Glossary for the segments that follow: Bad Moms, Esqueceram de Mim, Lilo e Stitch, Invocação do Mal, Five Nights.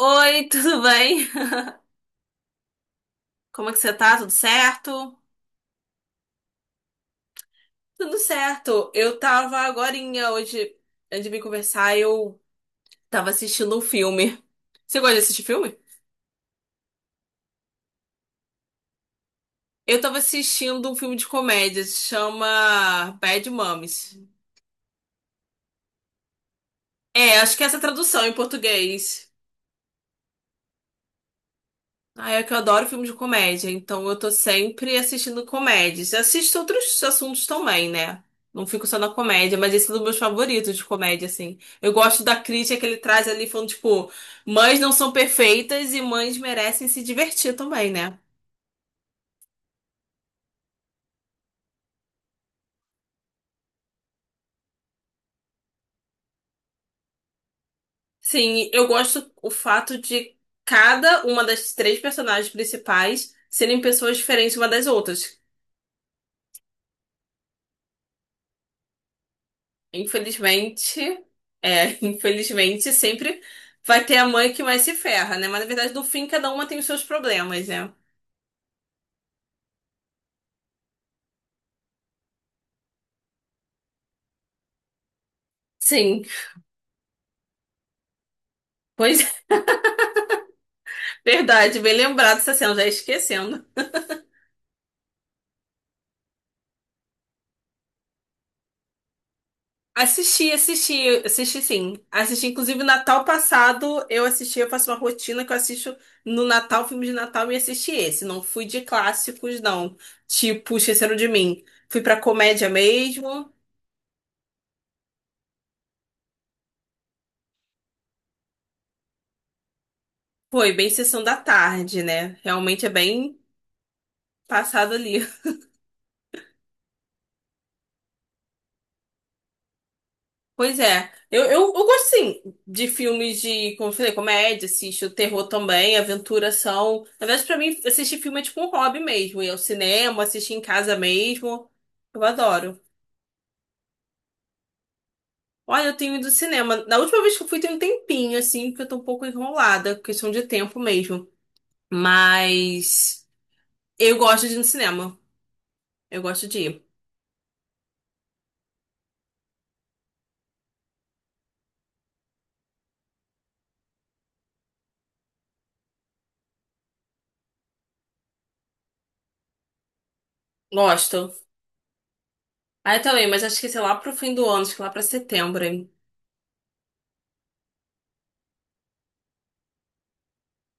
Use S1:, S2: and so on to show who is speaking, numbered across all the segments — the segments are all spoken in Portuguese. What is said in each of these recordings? S1: Oi, tudo bem? Como é que você tá? Tudo certo? Tudo certo. Eu tava agorinha hoje, antes de vir conversar, eu tava assistindo um filme. Você gosta de assistir filme? Eu tava assistindo um filme de comédia, se chama Bad Moms. É, acho que essa é a tradução em português. Ah, é que eu adoro filme de comédia, então eu tô sempre assistindo comédias. Assisto outros assuntos também, né? Não fico só na comédia, mas esse é um dos meus favoritos de comédia, assim. Eu gosto da crítica que ele traz ali, falando, tipo, mães não são perfeitas e mães merecem se divertir também, né? Sim, eu gosto o fato de cada uma das três personagens principais serem pessoas diferentes uma das outras. Infelizmente, é, infelizmente sempre vai ter a mãe que mais se ferra, né? Mas na verdade, no fim, cada uma tem os seus problemas, né? Sim, pois é, verdade, bem lembrado essa cena, já ia esquecendo. Assisti sim. Assisti, inclusive, Natal passado eu assisti, eu faço uma rotina que eu assisto no Natal, filme de Natal, e assisti esse. Não fui de clássicos, não. Tipo, Esqueceram de Mim. Fui pra comédia mesmo. Foi bem sessão da tarde, né? Realmente é bem passado ali. Pois é. Eu gosto, sim, de filmes de, como eu falei, comédia, assisto terror também, aventura, ação. Na verdade, pra mim, assistir filme é tipo um hobby mesmo. Ir ao cinema, assistir em casa mesmo. Eu adoro. Olha, eu tenho ido ao cinema. Na última vez que eu fui, tem um tempinho, assim, porque eu tô um pouco enrolada, questão de tempo mesmo. Mas eu gosto de ir no cinema. Eu gosto de ir. Gosto. Ah, eu também, mas acho que sei lá pro fim do ano, acho que lá pra setembro, hein?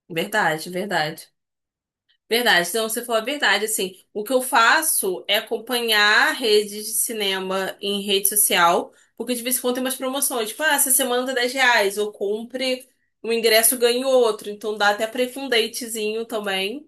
S1: Verdade, verdade. Verdade, então você falou a verdade, assim, o que eu faço é acompanhar redes de cinema em rede social, porque de vez em quando tem umas promoções, tipo, ah, essa semana tá 10 reais, ou compre um ingresso, ganhe outro, então dá até pra ir com um datezinho também.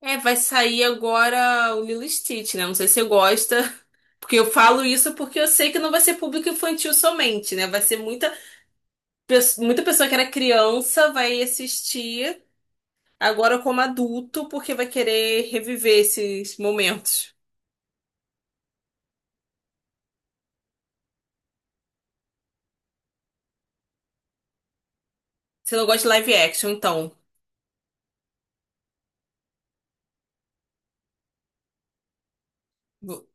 S1: É, vai sair agora o Lilo e Stitch, né, não sei se você gosta, porque eu falo isso porque eu sei que não vai ser público infantil somente, né, vai ser muita, muita pessoa que era criança vai assistir, agora como adulto, porque vai querer reviver esses momentos. Você não gosta de live action, então. Vo-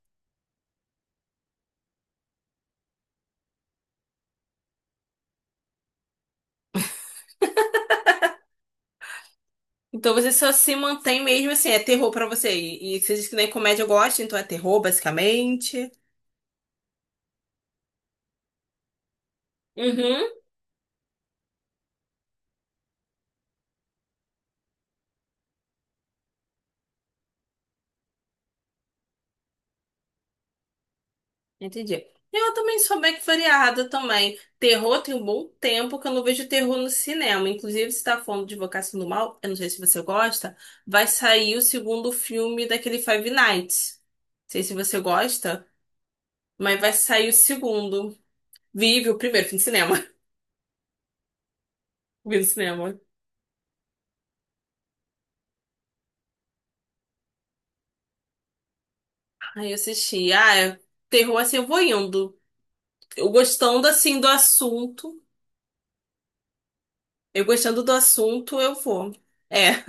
S1: Então você só se mantém mesmo assim, é terror pra você. E você diz que nem comédia gosta, então é terror, basicamente. Uhum, entendi. Eu também sou bem que variada também. Terror tem um bom tempo que eu não vejo terror no cinema. Inclusive, se tá falando de Invocação do Mal, eu não sei se você gosta, vai sair o segundo filme daquele Five Nights. Não sei se você gosta, mas vai sair o segundo. Vive o primeiro, fui no cinema. Vi no cinema. Aí eu assisti. Terror assim, eu vou indo. Eu gostando assim do assunto. Eu gostando do assunto, eu vou. É.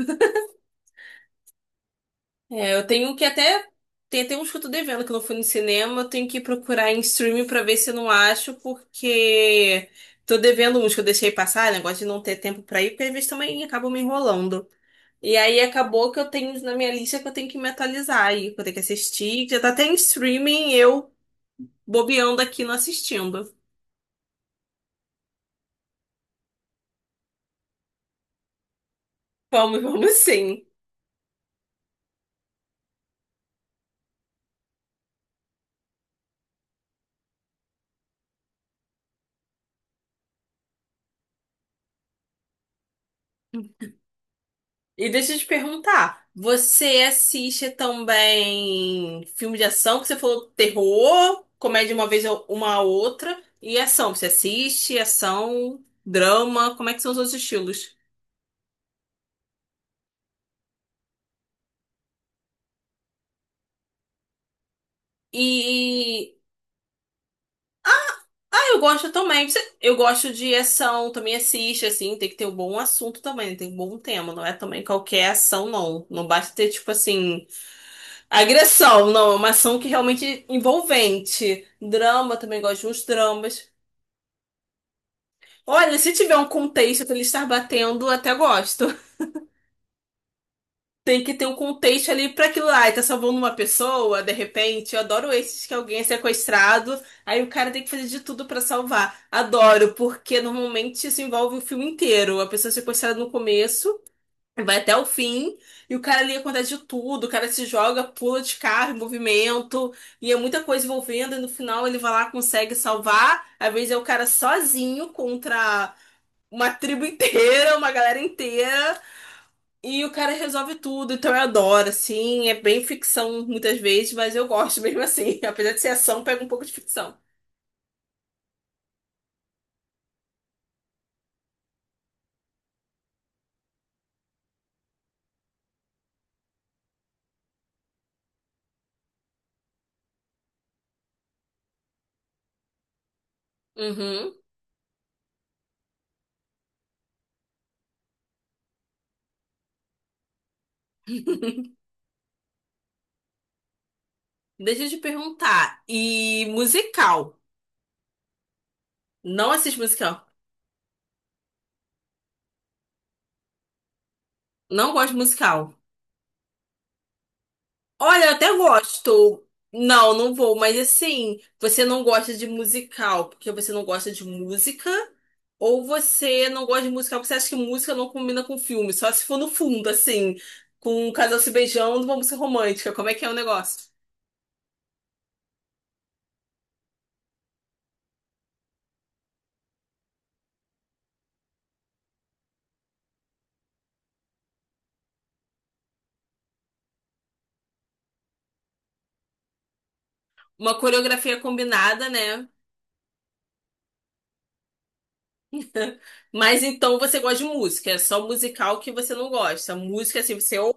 S1: É, eu tenho que até. Tem até uns que eu tô devendo que eu não fui no cinema. Eu tenho que procurar em streaming pra ver se eu não acho, porque tô devendo uns que eu deixei passar, negócio de não ter tempo pra ir, porque às vezes também acabam me enrolando. E aí acabou que eu tenho uns na minha lista que eu tenho que me atualizar aí, que eu tenho que assistir, que já tá até em streaming, eu bobeando aqui não assistindo. Vamos, vamos sim. E deixa eu te perguntar, você assiste também filme de ação, que você falou terror, comédia uma vez uma a outra, e ação, você assiste ação, drama, como é que são os outros estilos? E eu gosto também, eu gosto de ação, também assiste assim, tem que ter um bom assunto também, né? Tem um bom tema, não é também qualquer ação não, não basta ter tipo assim agressão, não, é uma ação que realmente envolvente. Drama, também gosto de uns dramas. Olha, se tiver um contexto pra ele estar batendo, até gosto. Tem que ter um contexto ali pra aquilo lá. E tá salvando uma pessoa, de repente. Eu adoro esses que alguém é sequestrado, aí o cara tem que fazer de tudo pra salvar. Adoro, porque normalmente isso envolve o filme inteiro. A pessoa é sequestrada no começo. Vai até o fim e o cara ali acontece de tudo. O cara se joga, pula de carro, em movimento, e é muita coisa envolvendo. E no final ele vai lá, consegue salvar. Às vezes é o cara sozinho contra uma tribo inteira, uma galera inteira, e o cara resolve tudo. Então eu adoro, assim. É bem ficção muitas vezes, mas eu gosto mesmo assim. Apesar de ser ação, pega um pouco de ficção. Uhum. Deixa eu te perguntar. E musical? Não assisto musical. Não gosto de musical. Olha, eu até gosto. Não, não vou, mas assim, você não gosta de musical porque você não gosta de música, ou você não gosta de musical porque você acha que música não combina com filme, só se for no fundo, assim, com um casal se beijando, uma música romântica. Como é que é o negócio? Uma coreografia combinada, né? Mas então você gosta de música, é só musical que você não gosta. Música, assim, você ou.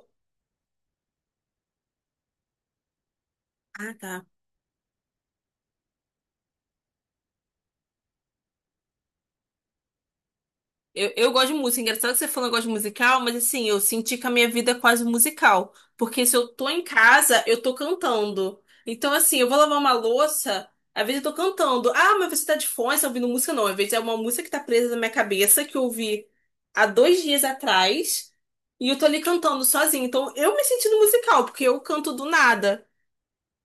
S1: Ah, tá. Eu gosto de música. É engraçado que você falou que gosta de musical, mas assim, eu senti que a minha vida é quase um musical. Porque se eu tô em casa, eu tô cantando. Então, assim, eu vou lavar uma louça, às vezes eu tô cantando. Ah, mas você tá de fone, você tá ouvindo música? Não, às vezes é uma música que tá presa na minha cabeça, que eu ouvi há dois dias atrás, e eu tô ali cantando sozinha. Então, eu me senti no musical, porque eu canto do nada.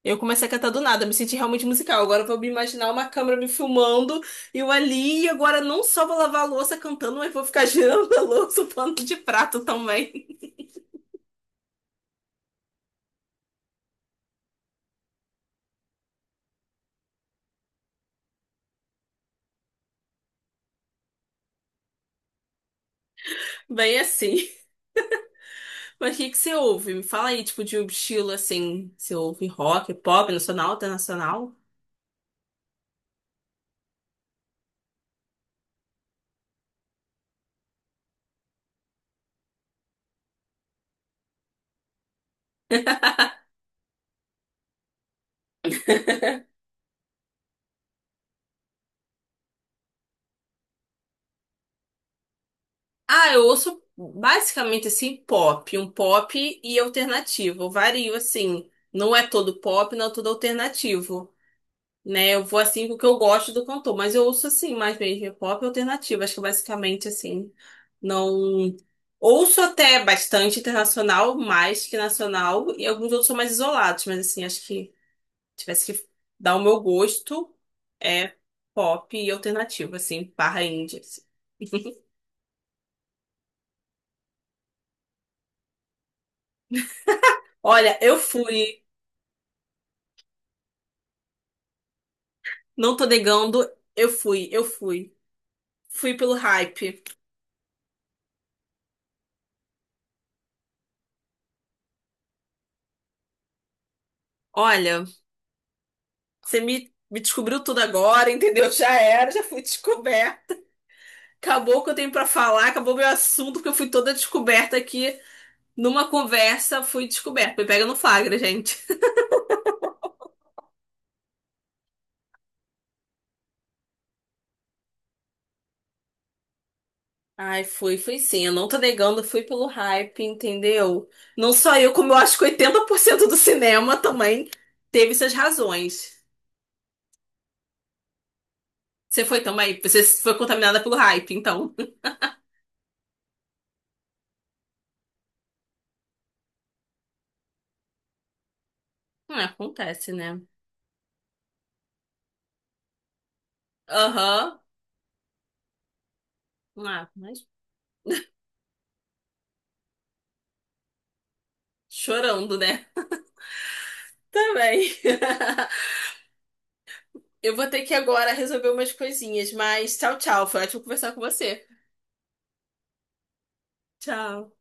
S1: Eu comecei a cantar do nada, me senti realmente musical. Agora eu vou me imaginar uma câmera me filmando, eu ali, e agora não só vou lavar a louça cantando, mas vou ficar girando a louça, o pano de prato também. Bem assim. Mas o que que você ouve? Me fala aí, tipo, de um estilo assim, você ouve rock, pop, nacional, internacional? Ah, eu ouço basicamente assim, pop, um pop e alternativo. Eu vario assim, não é todo pop, não é todo alternativo. Né? Eu vou assim com o que eu gosto do cantor, mas eu ouço assim mais mesmo pop e alternativo, acho que basicamente assim, não ouço até bastante internacional, mais que nacional, e alguns outros são mais isolados, mas assim, acho que tivesse que dar o meu gosto é pop e alternativo, assim, barra indie. Assim. Olha, eu fui, não tô negando, eu fui. Fui pelo hype. Olha, me descobriu tudo agora, entendeu? Já era, já fui descoberta. Acabou o que eu tenho pra falar, acabou meu assunto, porque eu fui toda descoberta aqui numa conversa, fui descoberta. Me pega no flagra, gente. Ai, fui sim. Eu não tô negando, fui pelo hype, entendeu? Não só eu, como eu acho que 80% do cinema também teve suas razões. Você foi contaminada pelo hype, então. Ah, acontece, né? Aham. Ah, mas chorando, né? Também. Eu vou ter que agora resolver umas coisinhas, mas tchau, tchau. Foi ótimo conversar com você. Tchau.